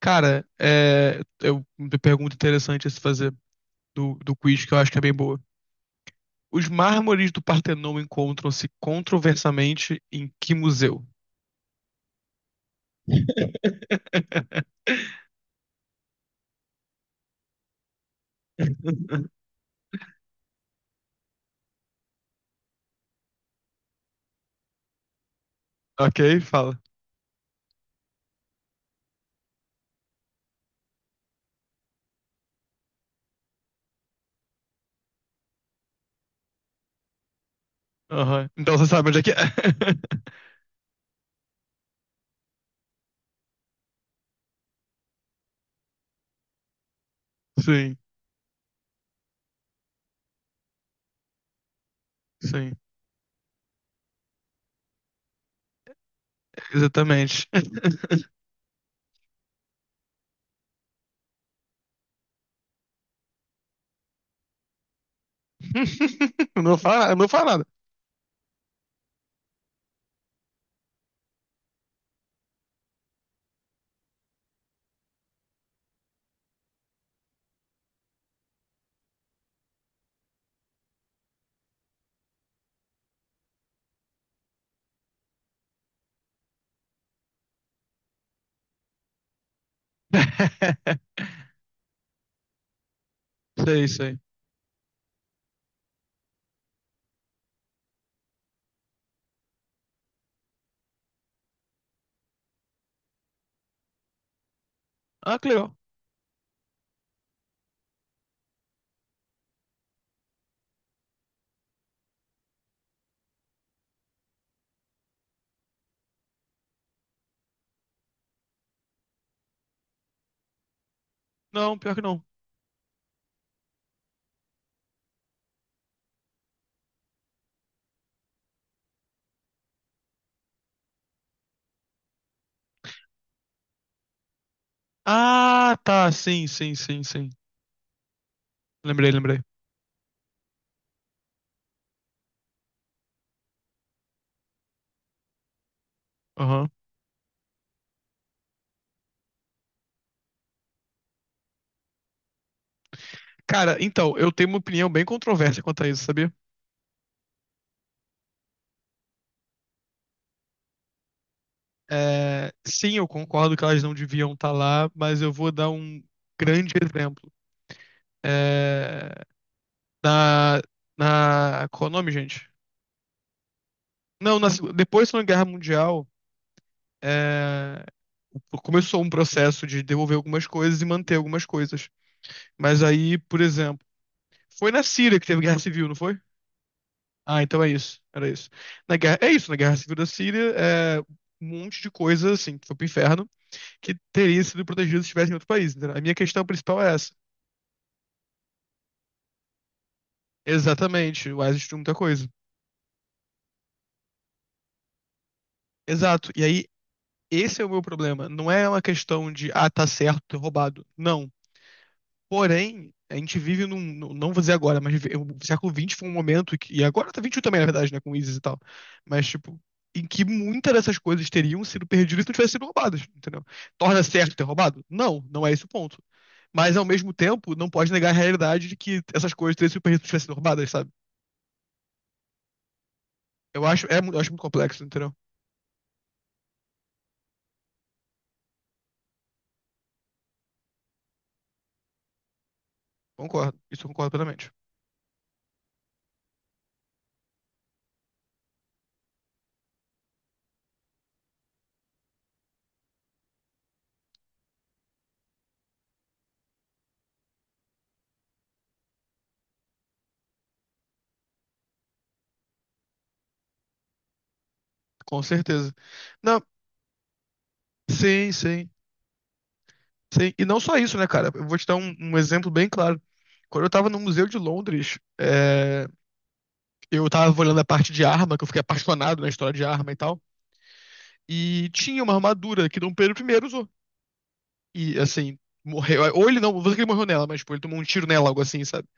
Cara, uma pergunta interessante a se fazer do quiz, que eu acho que é bem boa. Os mármores do Partenon encontram-se controversamente em que museu? Ok, fala. Aham. Então você sabe onde é que é. Sim, sim, exatamente. Eu não fala nada. Sei, sei. Ah, que legal. Não, pior que não. Ah, tá, sim, sim, sim, sim. Lembrei, lembrei. Aham. Cara, então, eu tenho uma opinião bem controversa quanto a isso, sabia? É, sim, eu concordo que elas não deviam estar lá, mas eu vou dar um grande exemplo. É, na, qual é o nome, gente? Não, depois da Segunda Guerra Mundial, é, começou um processo de devolver algumas coisas e manter algumas coisas. Mas aí, por exemplo, foi na Síria que teve guerra civil, não foi? Ah, então é isso, era isso. Na guerra, é isso, na Guerra Civil da Síria, um monte de coisa, assim, que foi pro inferno, que teria sido protegido se estivesse em outro país. Entendeu? A minha questão principal é essa. Exatamente, o Isis de muita coisa. Exato. E aí, esse é o meu problema. Não é uma questão de, ah, tá certo ter roubado. Não. Porém, a gente vive não vou dizer agora, mas o século XX foi um momento, e agora tá 21 também, na verdade, né, com o ISIS e tal. Mas, tipo, em que muitas dessas coisas teriam sido perdidas se não tivessem sido roubadas, entendeu? Torna certo ter roubado? Não, não é esse o ponto. Mas, ao mesmo tempo, não pode negar a realidade de que essas coisas teriam sido perdidas se não tivessem sido roubadas, sabe? Eu acho muito complexo, entendeu? Concordo. Isso eu concordo plenamente. Com certeza. Não, sim, sim, sim. E não só isso, né, cara? Eu vou te dar um exemplo bem claro. Quando eu tava no Museu de Londres, eu tava olhando a parte de arma, que eu fiquei apaixonado na história de arma e tal. E tinha uma armadura que Dom Pedro primeiro usou. E, assim, morreu. Ou ele não sei que ele morreu nela, mas, tipo, ele tomou um tiro nela, algo assim, sabe?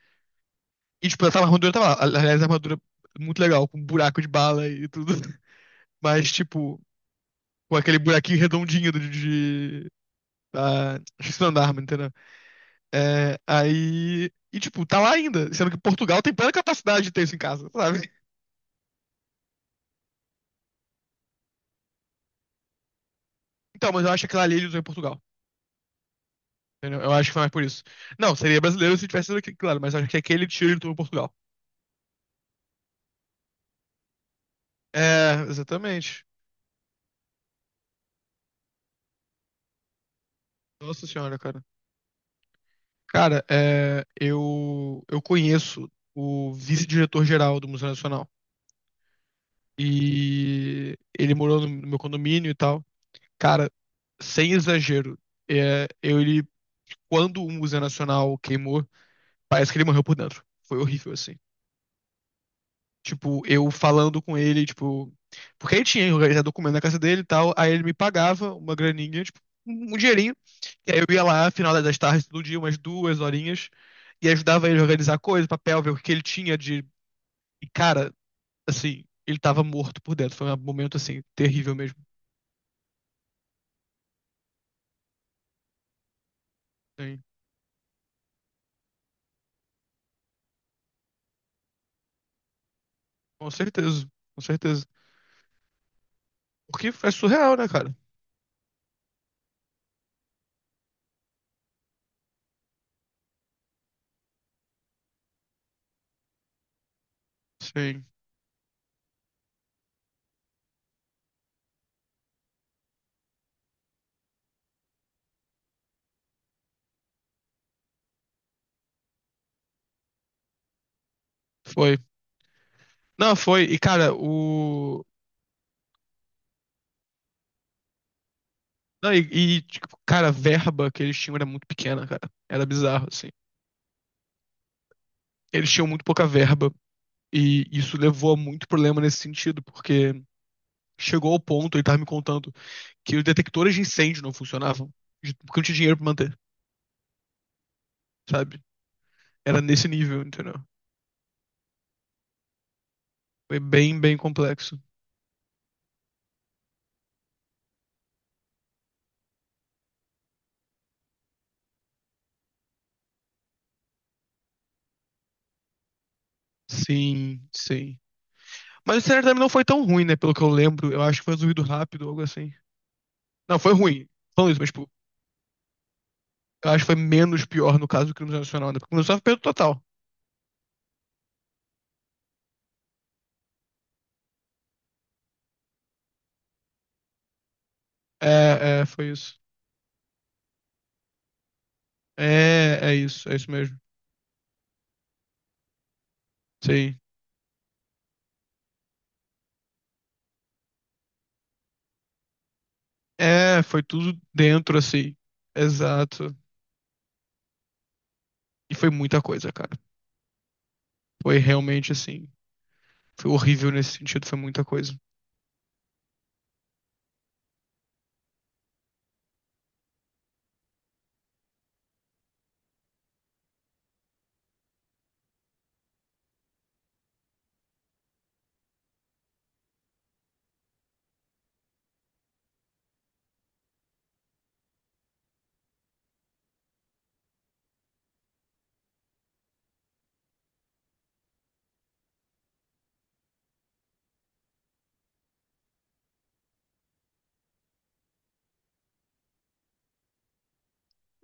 E, tipo, a armadura tava lá. Aliás, a armadura é muito legal, com um buraco de bala e tudo. Mas, tipo, com aquele buraquinho redondinho de Esqueci o nome da arma, entendeu? É, aí. E, tipo, tá lá ainda. Sendo que Portugal tem plena capacidade de ter isso em casa, sabe? Então, mas eu acho que aquela ali ele usou em Portugal. Entendeu? Eu acho que foi mais por isso. Não, seria brasileiro se tivesse sido aqui, claro, mas eu acho que aquele tiro ele tomou em Portugal. É, exatamente. Nossa senhora, cara. Cara, eu conheço o vice-diretor-geral do Museu Nacional. E ele morou no meu condomínio e tal. Cara, sem exagero, é, eu, ele, quando o Museu Nacional queimou, parece que ele morreu por dentro. Foi horrível, assim. Tipo, eu falando com ele, tipo. Porque ele tinha organizado documento na casa dele e tal. Aí ele me pagava uma graninha, tipo, um dinheirinho. E aí eu ia lá, final das tardes, todo dia, umas duas horinhas. E ajudava ele a organizar coisas, papel, ver o que ele tinha de. E, cara, assim, ele tava morto por dentro. Foi um momento, assim, terrível mesmo. Sim. Com certeza, com certeza. Porque é surreal, né, cara? Sim, foi. Não, foi. E, cara, o. Não, tipo, cara, a verba que eles tinham era muito pequena, cara. Era bizarro, assim. Eles tinham muito pouca verba. E isso levou a muito problema nesse sentido, porque chegou ao ponto, ele tava me contando, que os detectores de incêndio não funcionavam, porque não tinha dinheiro pra manter, sabe? Era nesse nível, entendeu? Foi bem, bem complexo. Sim, sim. Mas o cenário também não foi tão ruim, né? Pelo que eu lembro, eu acho que foi resolvido rápido, algo assim. Não, foi ruim. Falando isso, mas, tipo, eu acho que foi menos pior no caso do crime nacional, né? Porque começou a perda total. É, é, foi isso. É, é isso mesmo. Sim. É, foi tudo dentro, assim. Exato. E foi muita coisa, cara. Foi realmente assim. Foi horrível nesse sentido, foi muita coisa.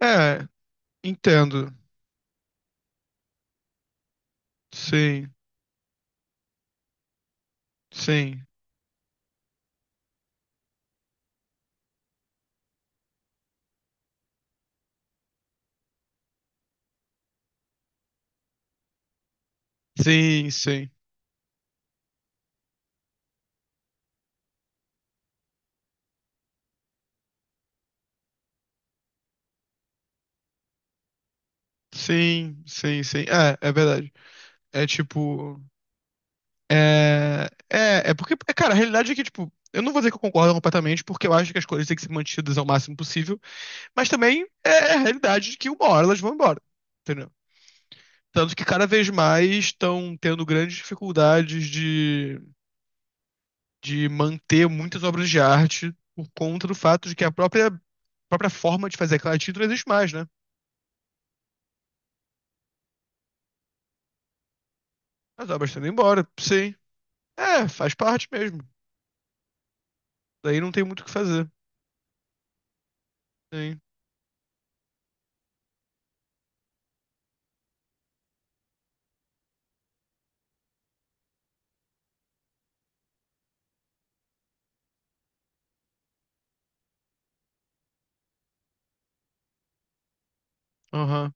É, entendo. Sim, sim. Sim, sim. Sim, sim, sim. É, é verdade. É tipo. É, é porque, cara, a realidade é que, tipo, eu não vou dizer que eu concordo completamente, porque eu acho que as coisas têm que ser mantidas ao máximo possível. Mas também é a realidade de que uma hora elas vão embora, entendeu? Tanto que cada vez mais estão tendo grandes dificuldades de manter muitas obras de arte por conta do fato de que a própria forma de fazer aquela arte não existe mais, né? As obras estão indo embora, sim. É, faz parte mesmo. Daí não tem muito o que fazer. Sim, aham.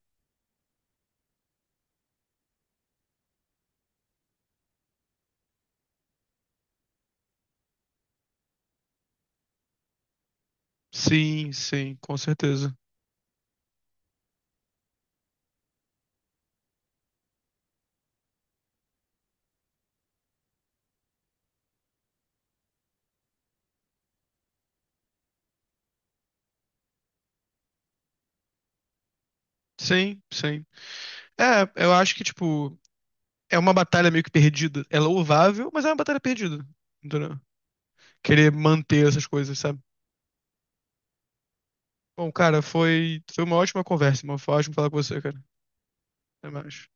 Sim, sim, com certeza. Sim, sim. É, eu acho que, tipo, é uma batalha meio que perdida. É louvável, mas é uma batalha perdida. Entendeu? Querer manter essas coisas, sabe? Bom, cara, foi uma ótima conversa, mano. Foi ótimo falar com você, cara. Até mais.